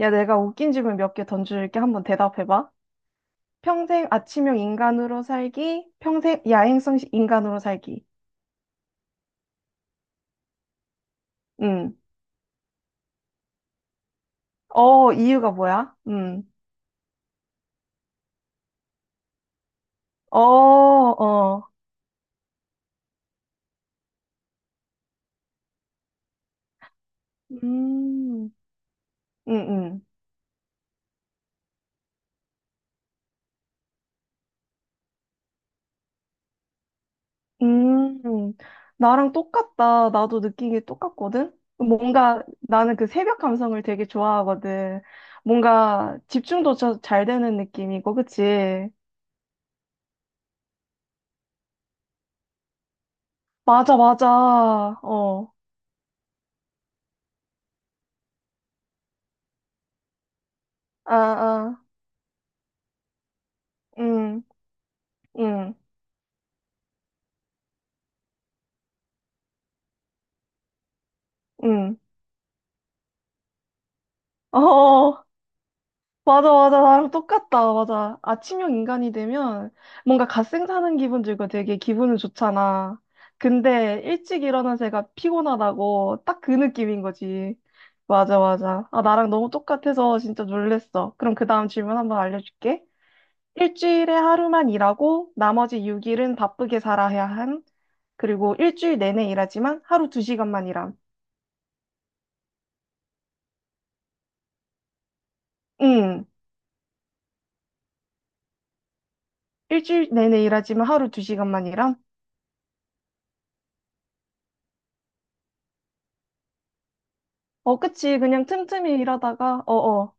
야, 내가 웃긴 질문 몇 개 던질게. 한번 대답해봐. 평생 아침형 인간으로 살기, 평생 야행성 인간으로 살기. 음. 어, 이유가 뭐야? 음. 어, 어. 음. 음, 음. 나랑 똑같다. 나도 느낀 게 똑같거든? 뭔가 나는 그 새벽 감성을 되게 좋아하거든. 뭔가 집중도 잘 되는 느낌이고, 그치? 맞아, 맞아. 어. 아, 아. 음. 음. 응. 어, 맞아, 맞아. 나랑 똑같다. 맞아. 아침형 인간이 되면 뭔가 갓생 사는 기분 들고 되게 기분은 좋잖아. 근데 일찍 일어난 새가 피곤하다고 딱 그 느낌인 거지. 맞아, 맞아. 아, 나랑 너무 똑같아서 진짜 놀랬어. 그럼 그 다음 질문 한번 알려줄게. 일주일에 하루만 일하고 나머지 6일은 바쁘게 살아야 한. 그리고 일주일 내내 일하지만 하루 2시간만 일함. 응. 일주일 내내 일하지만 하루 2시간만 일함. 어, 그치. 그냥 틈틈이 일하다가, 어어.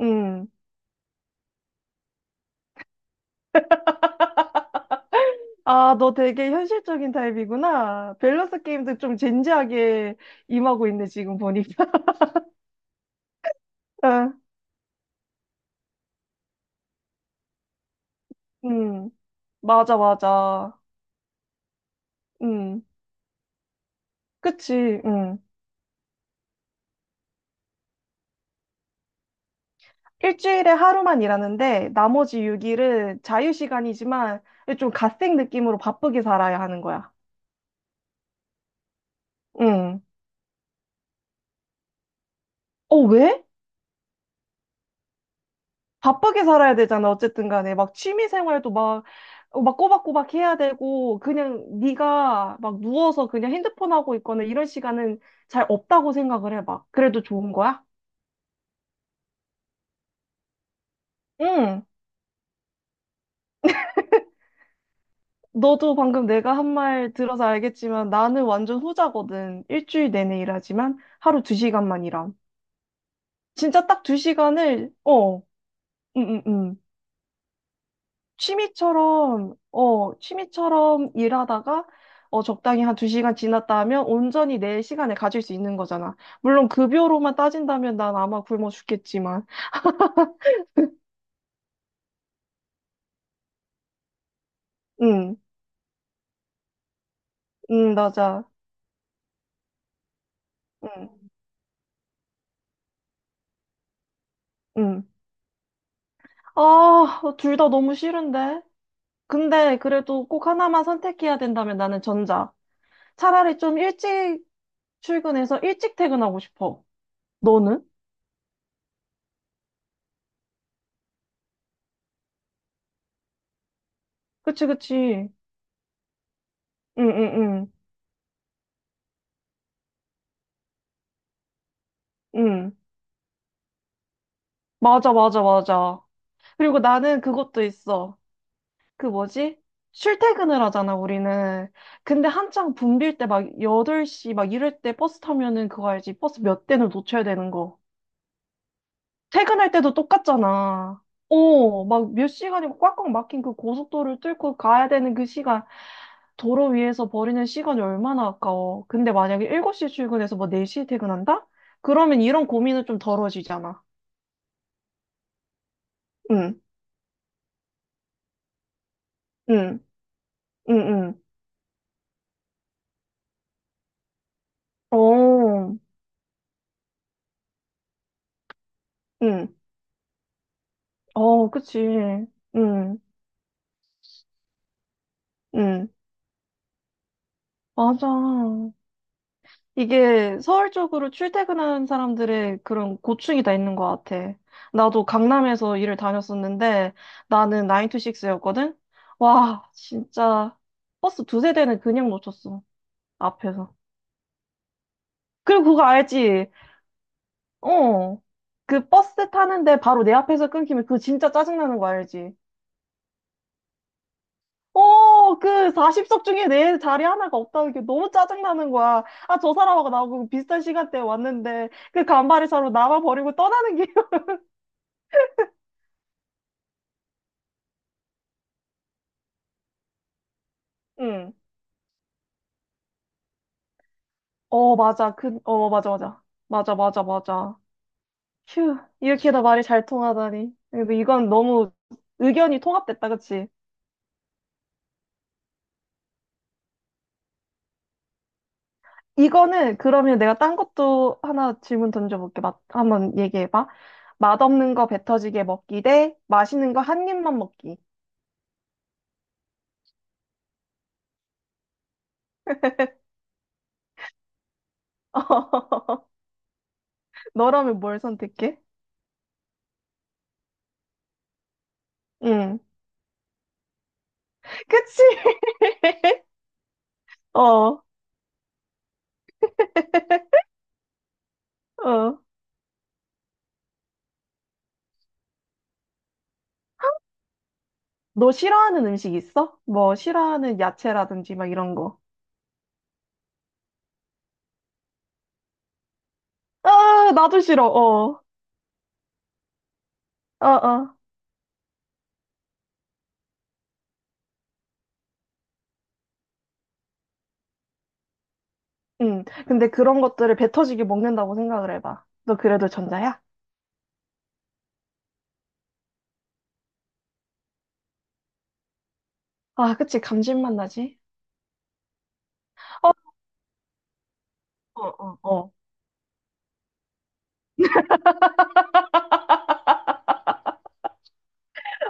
음. 아, 너 되게 현실적인 타입이구나. 밸런스 게임도 좀 진지하게 임하고 있네, 지금 보니까. 아, 음. 맞아, 맞아. 음. 그치. 음. 일주일에 하루만 일하는데, 나머지 6일은 자유시간이지만, 좀 갓생 느낌으로 바쁘게 살아야 하는 거야. 응. 어, 왜? 바쁘게 살아야 되잖아. 어쨌든 간에 막 취미 생활도 막, 어, 막 꼬박꼬박 해야 되고 그냥 네가 막 누워서 그냥 핸드폰 하고 있거나 이런 시간은 잘 없다고 생각을 해봐. 그래도 좋은 거야? 응. 너도 방금 내가 한 말 들어서 알겠지만 나는 완전 후자거든. 일주일 내내 일하지만 하루 두 시간만 일함. 진짜 딱 두 시간을 어, 응응응. 취미처럼 일하다가, 어, 적당히 한 두 시간 지났다 하면 온전히 내 시간을 가질 수 있는 거잖아. 물론 급여로만 따진다면 난 아마 굶어 죽겠지만. 응, 응, 맞아. 응, 응. 아, 둘 다 너무 싫은데? 근데 그래도 꼭 하나만 선택해야 된다면 나는 전자. 차라리 좀 일찍 출근해서 일찍 퇴근하고 싶어. 너는? 그치, 그치. 응, 응, 응, 응. 맞아, 맞아, 맞아. 그리고 나는 그것도 있어. 그 뭐지? 출퇴근을 하잖아, 우리는. 근데 한창 붐빌 때 막 8시 막 이럴 때 버스 타면은 그거 알지? 버스 몇 대는 놓쳐야 되는 거. 퇴근할 때도 똑같잖아. 어, 막 몇 시간이 꽉꽉 막힌 그 고속도로를 뚫고 가야 되는 그 시간, 도로 위에서 버리는 시간이 얼마나 아까워. 근데 만약에 7시 출근해서 뭐 4시에 퇴근한다? 그러면 이런 고민은 좀 덜어지잖아. 응, 응, 응, 응. 어, 응. 어, 그치. 응, 응. 맞아. 이게 서울 쪽으로 출퇴근하는 사람들의 그런 고충이 다 있는 것 같아. 나도 강남에서 일을 다녔었는데 나는 9to6였거든? 와, 진짜 버스 두세 대는 그냥 놓쳤어. 앞에서. 그리고 그거 알지? 어. 그 버스 타는데 바로 내 앞에서 끊기면 그거 진짜 짜증나는 거 알지? 어, 그 40석 중에 내 자리 하나가 없다는 게 너무 짜증나는 거야. 아, 저 사람하고 나하고 비슷한 시간대에 왔는데, 그 간발의 차로 나만 버리고 떠나는 게. 응. 어, 맞아. 그, 어, 맞아, 맞아. 맞아, 맞아, 맞아. 휴, 이렇게나 말이 잘 통하다니. 근데 이건 너무 의견이 통합됐다, 그치? 이거는 그러면 내가 딴 것도 하나 질문 던져볼게. 맛, 한번 얘기해봐. 맛없는 거 배 터지게 먹기 대 맛있는 거 한 입만 먹기. 너라면 뭘 선택해? 응. 그치? 어, 어. 너 싫어하는 음식 있어? 뭐, 싫어하는 야채라든지 막 이런 거. 아, 나도 싫어, 어. 어, 어. 응. 근데 그런 것들을 배 터지게 먹는다고 생각을 해봐. 너 그래도 전자야? 아, 그치. 감질맛 나지? 어, 어, 어, 어.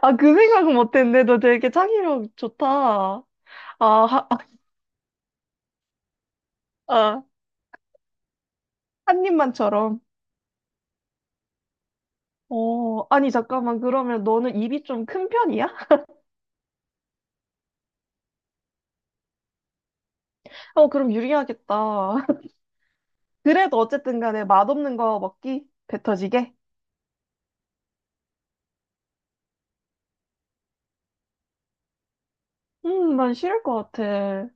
아, 그 생각은 못했네. 너 되게 창의력 좋다. 아, 하, 아, 아, 한 입만처럼. 어, 아니, 잠깐만. 그러면 너는 입이 좀 큰 편이야? 어, 그럼 유리하겠다. 그래도 어쨌든 간에 맛없는 거 먹기 배 터지게. 난 싫을 것 같아.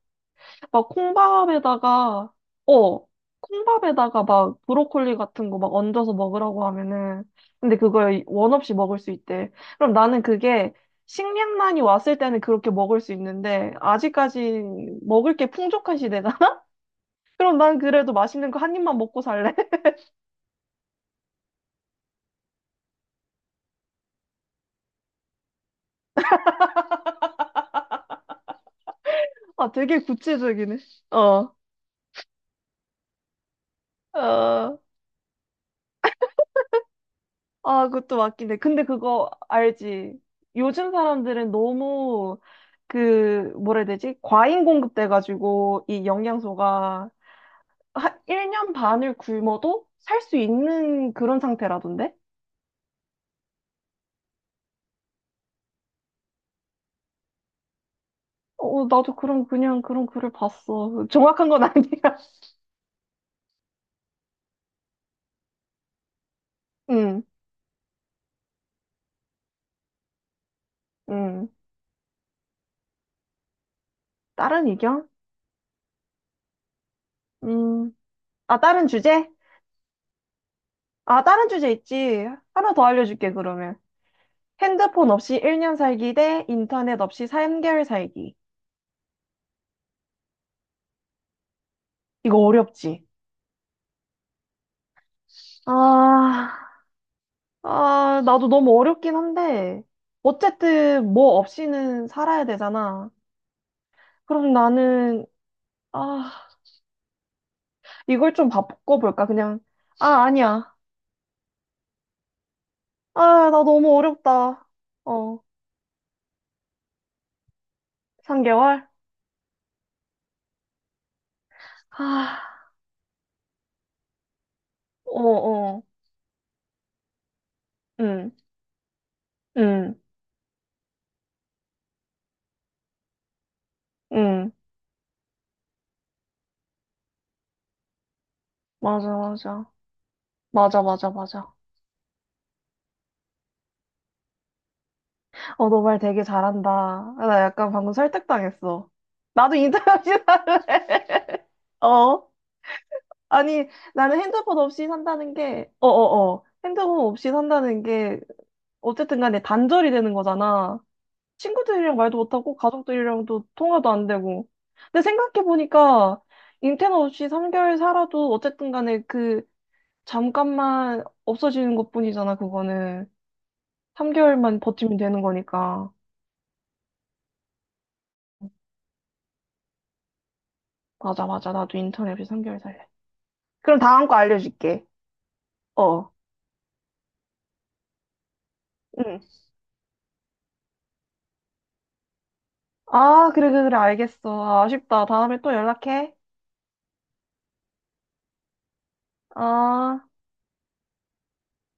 막 어, 콩밥에다가 막 브로콜리 같은 거 막 얹어서 먹으라고 하면은, 근데 그걸 원 없이 먹을 수 있대. 그럼 나는 그게 식량난이 왔을 때는 그렇게 먹을 수 있는데, 아직까지 먹을 게 풍족한 시대잖아? 그럼 난 그래도 맛있는 거 한 입만 먹고 살래? 아, 되게 구체적이네. 어, 어. 아, 그것도 맞긴 해. 근데 그거 알지? 요즘 사람들은 너무 그 뭐라 해야 되지? 과잉 공급돼가지고 이 영양소가 한 1년 반을 굶어도 살 수 있는 그런 상태라던데? 어, 어, 나도 그런 글을 봤어. 정확한 건 아니야. 응, 응. 다른 의견? 음. 아, 다른 주제? 아, 다른 주제 있지. 하나 더 알려줄게, 그러면. 핸드폰 없이 1년 살기 대 인터넷 없이 3개월 살기. 이거 어렵지? 아, 아, 나도 너무 어렵긴 한데, 어쨌든 뭐 없이는 살아야 되잖아. 그럼 나는, 아, 이걸 좀 바꿔볼까, 그냥. 아, 아니야. 아, 나 너무 어렵다. 어, 3개월? 아, 어, 어, 응, 응, 응. 맞아, 맞아. 맞아, 맞아, 맞아. 어, 너 말 되게 잘한다. 아, 나 약간 방금 설득당했어. 나도 인터뷰 할래. 어? 아니, 나는 핸드폰 없이 산다는 게, 어쨌든 간에 단절이 되는 거잖아. 친구들이랑 말도 못하고, 가족들이랑도 통화도 안 되고. 근데 생각해보니까, 인터넷 없이 3개월 살아도, 어쨌든 간에 그, 잠깐만 없어지는 것뿐이잖아, 그거는. 3개월만 버티면 되는 거니까. 맞아, 맞아. 나도 인터넷 없이 3개월 살래. 그럼 다음 거 알려줄게. 어. 응. 아, 그래, 그래, 그래. 알겠어. 아, 아쉽다. 다음에 또 연락해. 어.